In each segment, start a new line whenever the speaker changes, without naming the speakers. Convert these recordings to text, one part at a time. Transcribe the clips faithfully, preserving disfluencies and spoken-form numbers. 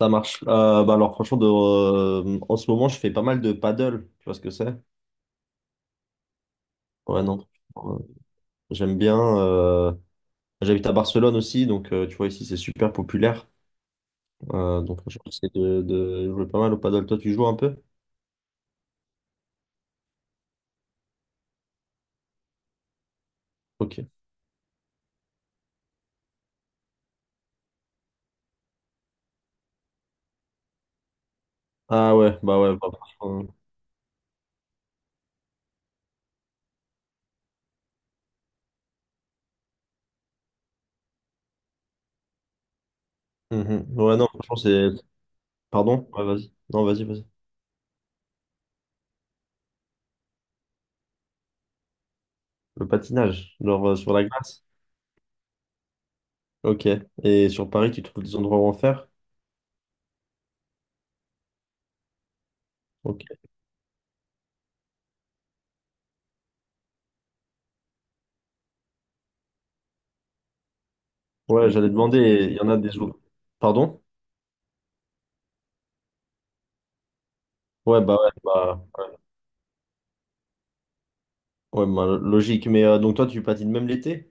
Ça marche. Euh, bah alors franchement, de, euh, en ce moment, je fais pas mal de paddle. Tu vois ce que c'est? Ouais, non. Euh, J'aime bien. euh, J'habite à Barcelone aussi, donc euh, tu vois, ici, c'est super populaire. Euh, donc, j'essaie de, de jouer pas mal au paddle. Toi, tu joues un peu? Ok. Ah ouais, bah ouais, bah, franchement. Mhm. Ouais, non, franchement, c'est... Pardon? Ouais, vas-y. Non, vas-y, vas-y. Le patinage, genre euh, sur la glace. Ok. Et sur Paris, tu trouves des endroits où en faire? Ok. Ouais, j'allais demander, il y en a des... autres. Pardon? Ouais, bah ouais, bah... Ouais, bah, logique. Mais euh, donc toi, tu patines même l'été?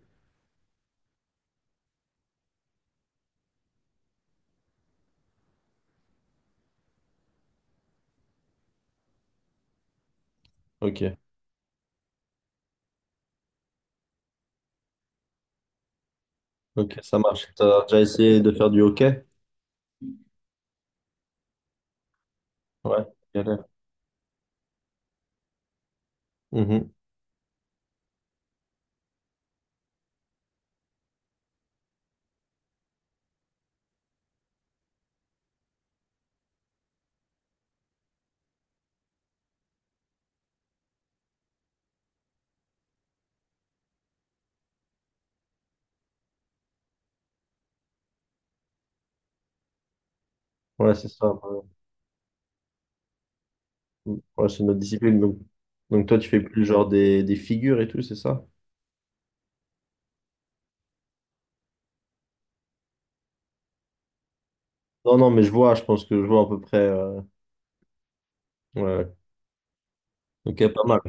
Ok, ok, ça marche. T'as déjà essayé de faire du hockey? Ouais, galère. Mhm. Ouais, c'est ça. Ouais, ouais, c'est notre discipline. Donc, donc toi, tu fais plus genre des, des figures et tout, c'est ça? Non, non, mais je vois, je pense que je vois à peu près. euh, Ouais, ok, pas mal.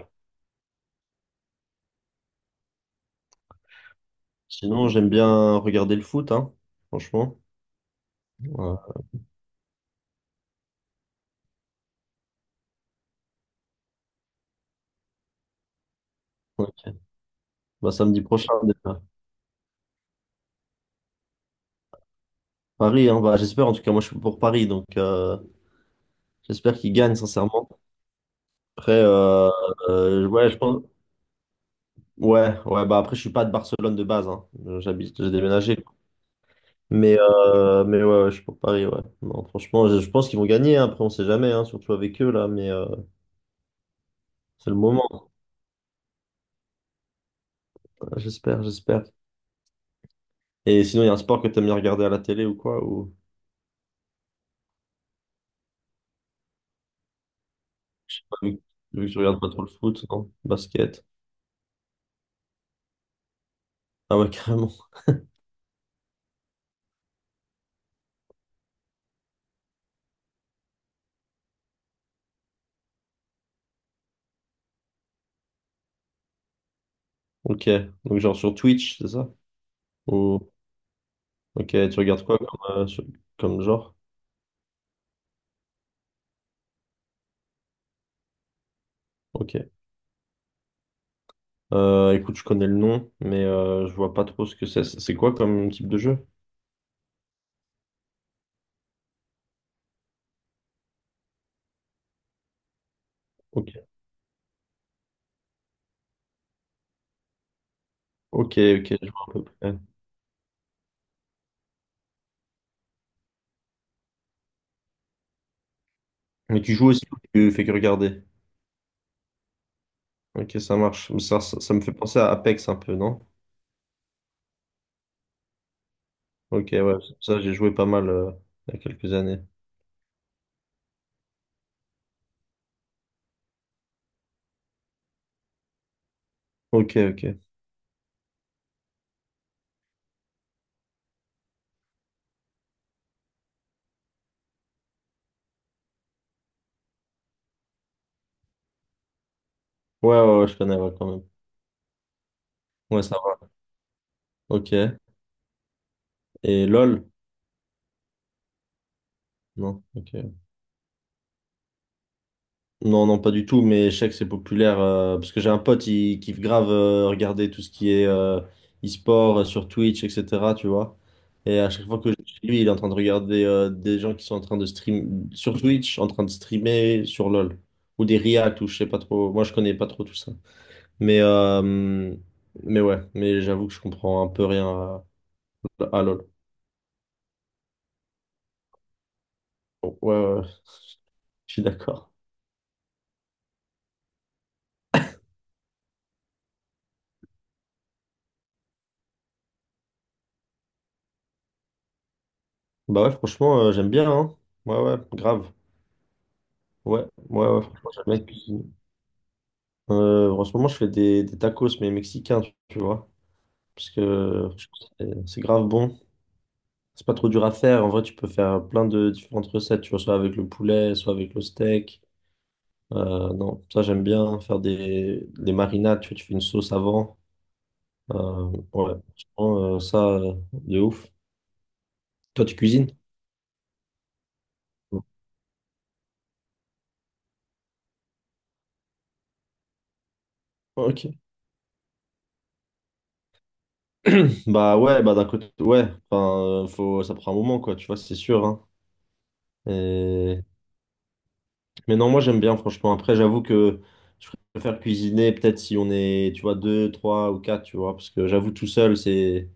Sinon, j'aime bien regarder le foot, hein, franchement. Ouais, ok. Bah, samedi prochain, déjà. Paris, hein, bah, j'espère, en tout cas, moi, je suis pour Paris, donc euh, j'espère qu'ils gagnent, sincèrement. Après, euh, euh, ouais, je pense. Ouais, ouais, bah après, je suis pas de Barcelone de base, hein. Euh, J'habite, j'ai déménagé. Mais, euh, mais ouais, ouais, je suis pour Paris, ouais. Non, franchement, je, je pense qu'ils vont gagner, hein. Après, on sait jamais, hein, surtout avec eux, là, mais euh, c'est le moment, hein. J'espère, j'espère. Et sinon, il y a un sport que t'aimes bien regarder à la télé ou quoi, ou vu, que vu que tu regardes pas trop le foot, non? Basket. Ah ouais, carrément. Ok. Donc, genre sur Twitch, c'est ça? Ou, ok, tu regardes quoi comme, euh, sur- comme genre? Ok. Euh, écoute, je connais le nom, mais euh, je vois pas trop ce que c'est. C'est c'est quoi comme type de jeu? Ok. Ok, ok, je vois à peu près. Mais tu joues aussi ou tu fais que regarder? Ok, ça marche. Ça, ça, ça me fait penser à Apex un peu, non? Ok, ouais, ça j'ai joué pas mal euh, il y a quelques années. Ok, ok. Ouais, ouais, ouais, je connais, ouais, quand même. Ouais, ça va. Ok. Et LOL? Non, ok. Non, non, pas du tout, mais je sais que c'est populaire euh, parce que j'ai un pote, il kiffe grave euh, regarder tout ce qui est euh, e-sport euh, sur Twitch, et cetera. Tu vois. Et à chaque fois que je suis chez lui, il est en train de regarder euh, des gens qui sont en train de stream sur Twitch, en train de streamer sur LoL ou des reacts ou je sais pas trop. Moi, je connais pas trop tout ça. Mais, euh, mais ouais, mais j'avoue que je comprends un peu rien à, à LoL. Bon, ouais, ouais, ouais, je suis d'accord. Bah ouais, franchement, euh, j'aime bien, hein. Ouais, ouais, grave. Ouais, ouais, ouais, franchement, j'aime bien cuisiner. Euh, en ce moment, je fais des, des tacos, mais mexicains, tu, tu vois. Parce que je trouve que c'est c'est grave bon. C'est pas trop dur à faire. En vrai, tu peux faire plein de différentes recettes, tu vois, soit avec le poulet, soit avec le steak. Euh, non, ça, j'aime bien faire des, des marinades, tu vois, tu fais une sauce avant. Euh, ouais, Franchement, euh, ça, euh, de ouf. Toi, tu cuisines? Ok. Bah ouais, bah d'un côté, ouais, enfin, euh, faut, ça prend un moment, quoi, tu vois, c'est sûr, hein. Et Mais non, moi j'aime bien franchement. Après, j'avoue que je préfère cuisiner peut-être si on est, tu vois, deux, trois ou quatre, tu vois, parce que j'avoue tout seul, c'est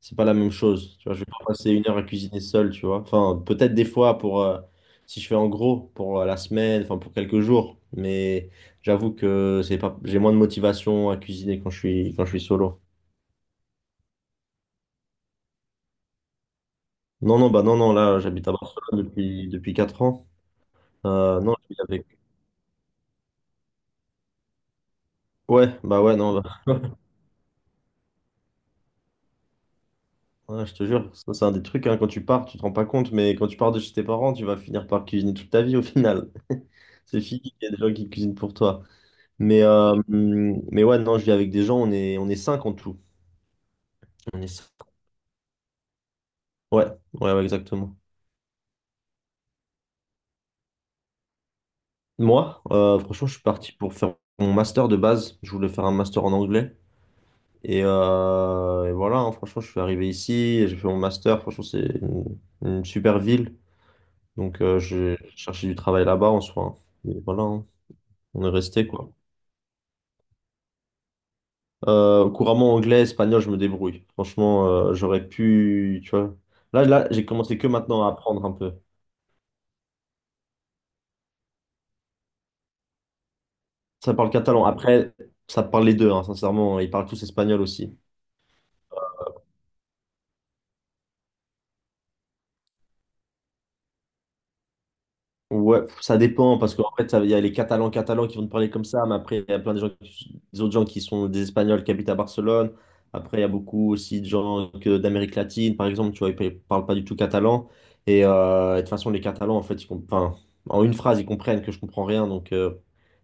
c'est pas la même chose. Tu vois, je vais pas passer une heure à cuisiner seul, tu vois. Enfin, peut-être des fois pour euh, si je fais en gros pour euh, la semaine, enfin pour quelques jours, mais j'avoue que c'est pas j'ai moins de motivation à cuisiner quand je suis quand je suis solo. Non, non, bah non, non, là j'habite à Barcelone depuis depuis quatre ans. Euh, non, j'habite avec. Ouais, bah ouais, non. Ouais, je te jure, ça c'est un des trucs, hein, quand tu pars, tu te rends pas compte, mais quand tu pars de chez tes parents, tu vas finir par cuisiner toute ta vie au final. C'est fini, il y a des gens qui cuisinent pour toi. Mais, euh, mais ouais, non, je vis avec des gens, on est, on est cinq en tout. On est cinq. Ouais, ouais, ouais, exactement. Moi, euh, franchement, je suis parti pour faire mon master de base. Je voulais faire un master en anglais. Et, euh, et voilà, hein, franchement, je suis arrivé ici, et j'ai fait mon master. Franchement, c'est une, une super ville. Donc, euh, j'ai cherché du travail là-bas en soi, hein. Et voilà, hein. On est resté quoi. Euh, couramment anglais, espagnol, je me débrouille. Franchement, euh, j'aurais pu, tu vois. Là, là, j'ai commencé que maintenant à apprendre un peu. Ça parle catalan. Après, ça parle les deux, hein, sincèrement. Ils parlent tous espagnol aussi. Ouais, ça dépend, parce qu'en fait, ça- il y a les Catalans catalans qui vont te parler comme ça, mais après, il y a plein de gens, qui- des autres gens qui sont des Espagnols qui habitent à Barcelone. Après, il y a beaucoup aussi de gens que- d'Amérique latine, par exemple, tu vois, ils ne parlent pas du tout catalan. Et euh, de toute façon, les Catalans, en fait, ils comp- enfin, en une phrase, ils comprennent que je comprends rien. Donc, euh,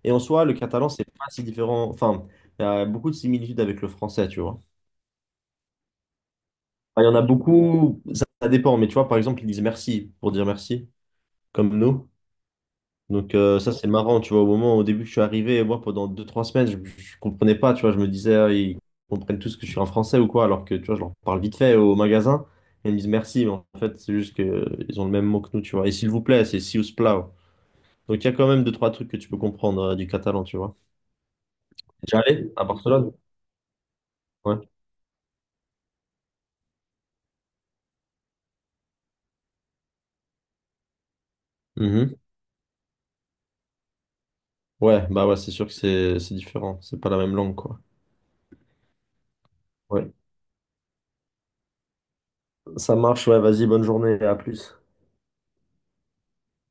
Et En soi, le catalan, c'est pas si différent. Enfin, il y a beaucoup de similitudes avec le français, tu vois. Enfin, il y en a beaucoup, ça, ça dépend, mais tu vois, par exemple, ils disent merci pour dire merci, comme nous. Donc euh, ça c'est marrant, tu vois, au moment au début que je suis arrivé, moi pendant deux trois semaines, je, je comprenais pas, tu vois, je me disais ah, ils comprennent tous que je suis un Français ou quoi, alors que tu vois, je leur parle vite fait au magasin, et ils me disent merci, mais en fait c'est juste que euh, ils ont le même mot que nous, tu vois. Et s'il vous plaît, c'est si us plau. Donc il y a quand même deux trois trucs que tu peux comprendre euh, du catalan, tu vois. T'es déjà allé à Barcelone? Ouais. Mhm. Ouais, bah ouais, c'est sûr que c'est c'est différent, c'est pas la même langue, quoi. Ouais. Ça marche, ouais, vas-y, bonne journée, à plus.